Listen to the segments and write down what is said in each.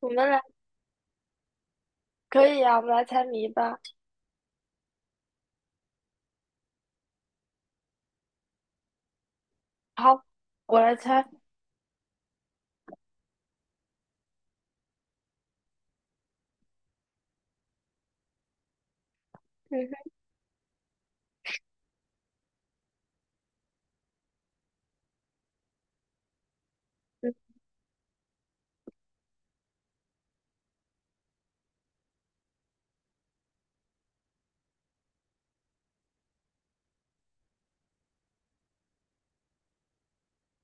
我们来可以啊，我们来猜谜吧。好，我来猜。嗯哼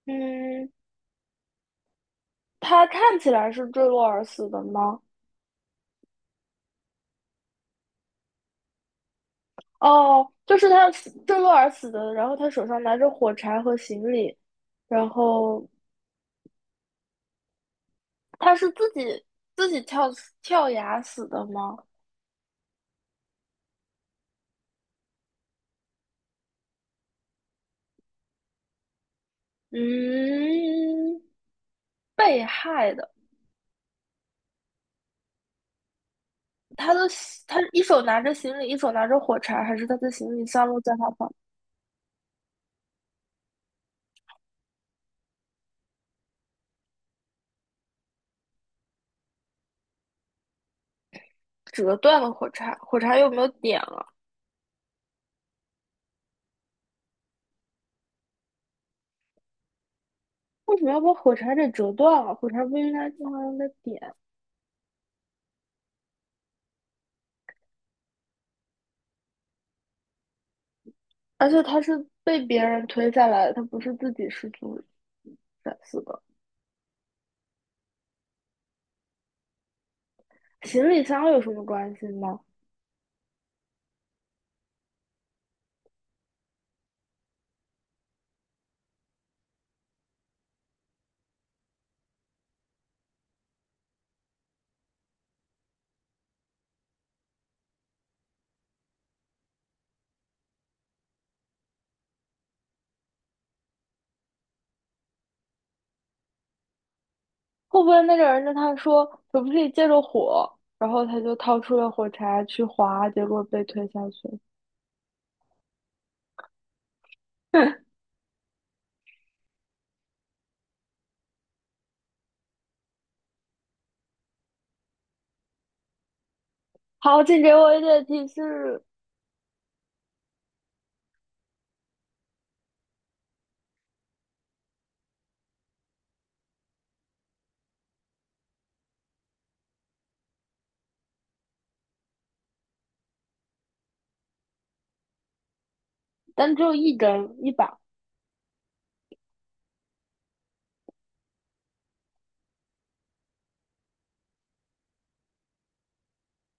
嗯，他看起来是坠落而死的吗？哦，就是他死坠落而死的，然后他手上拿着火柴和行李，然后他是自己跳跳崖死的吗？嗯，被害的。他的他一手拿着行李，一手拿着火柴，还是他的行李散落在他旁，折断了火柴？火柴有没有点为什么要把火柴给折断了？火柴不应该经常用的点，而且它是被别人推下来的，它不是自己失足摔死的。行李箱有什么关系吗？会不会那个人跟他说可不可以借着火，然后他就掏出了火柴去划，结果被推下去了？好，请给我一点提示。但只有一根，一把，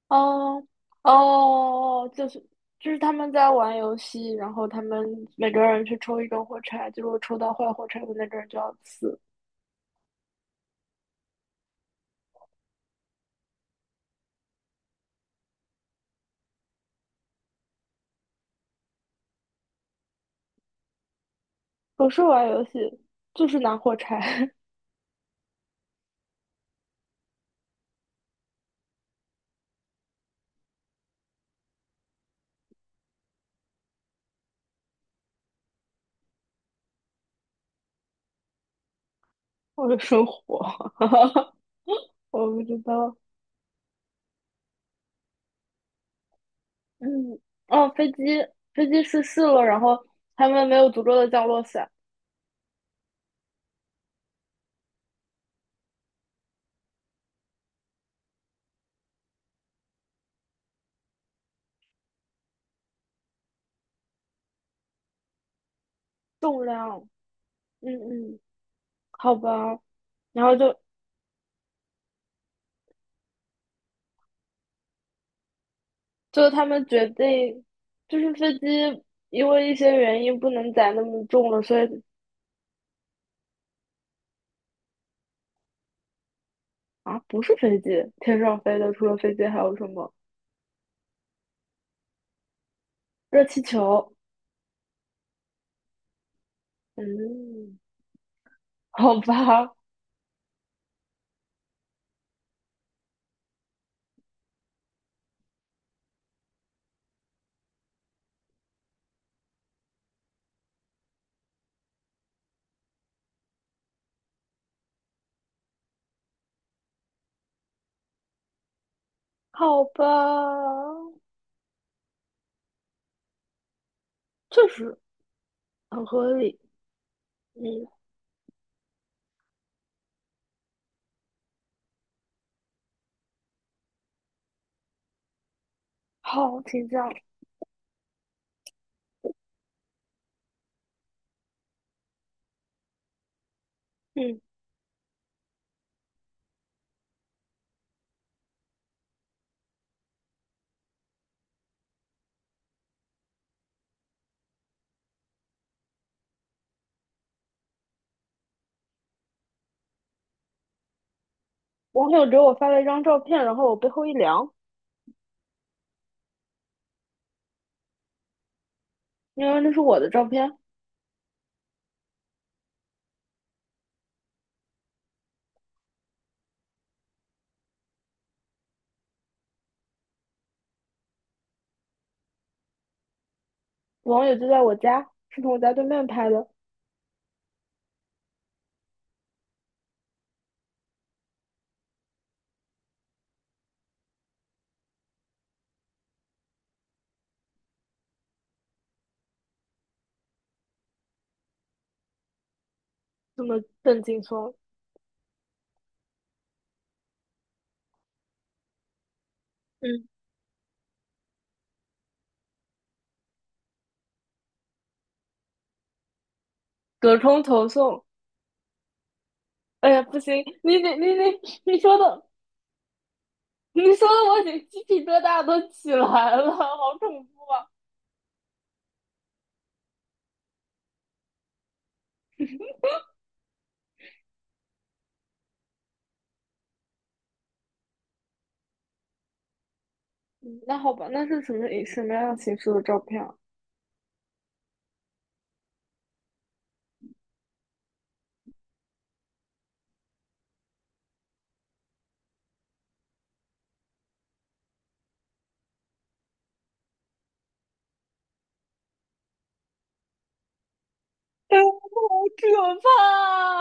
哦哦，就是就是他们在玩游戏，然后他们每个人去抽一根火柴，就如果抽到坏火柴的那个人就要死。不是玩游戏，就是拿火柴。 或者生火，我不知道。嗯，哦，飞机飞机失事了，然后他们没有足够的降落伞，重量，嗯嗯，好吧，然后就就他们决定。就是飞机因为一些原因不能载那么重了，所以啊，不是飞机，天上飞的除了飞机还有什么？热气球。嗯，好吧，好吧，确实很合理。嗯，好，请讲。嗯，网友给我发了一张照片，然后我背后一凉，因为那是我的照片，网友就在我家，是从我家对面拍的，这么郑劲松。嗯，隔空投送。哎呀，不行，你说的，你说的，我已经鸡皮疙瘩都起来了，好恐怖。啊！嗯那好吧，那是什么样形式的照片啊？哎好可怕。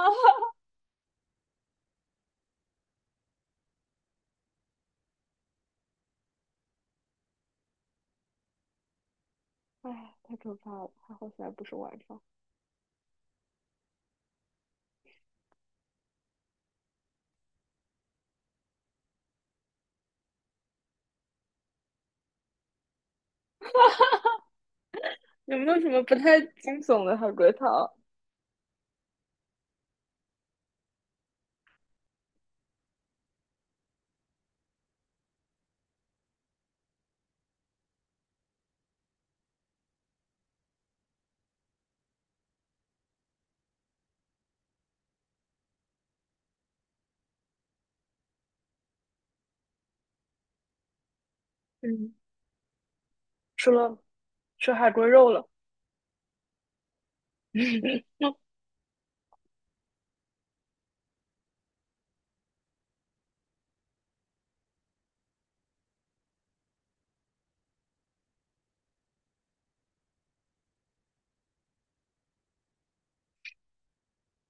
哎，太可怕了！还好现在不是晚上。有没有什么不太惊悚的海龟汤？嗯，吃了吃海龟肉了。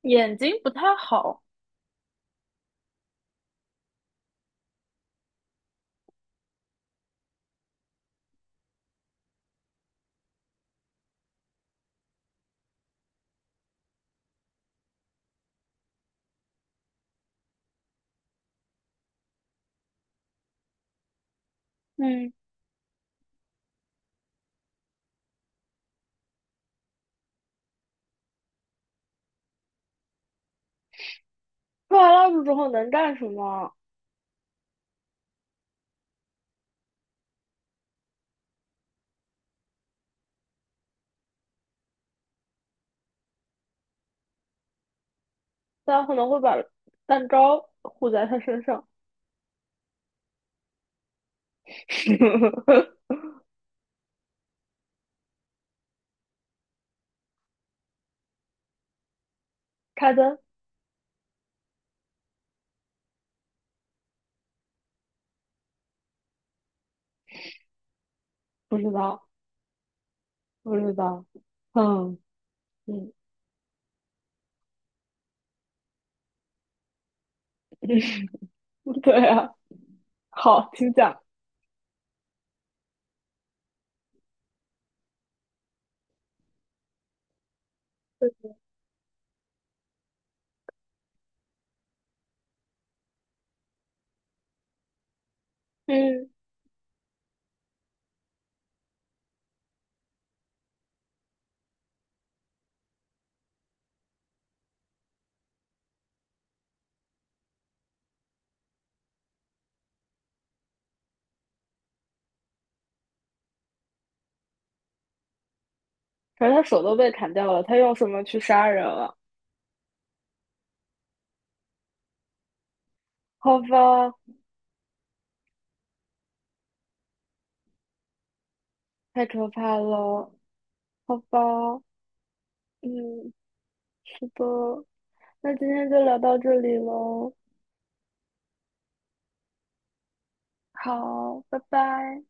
眼睛不太好。嗯，吃完蜡烛之后能干什么啊？大家可能会把蛋糕糊在他身上，开灯，不知道，不知道。嗯嗯，对啊，好，请讲。嗯。可是他手都被砍掉了，他用什么去杀人了？好吧，太可怕了，好吧，嗯，是的，那今天就聊到这里喽，好，拜拜。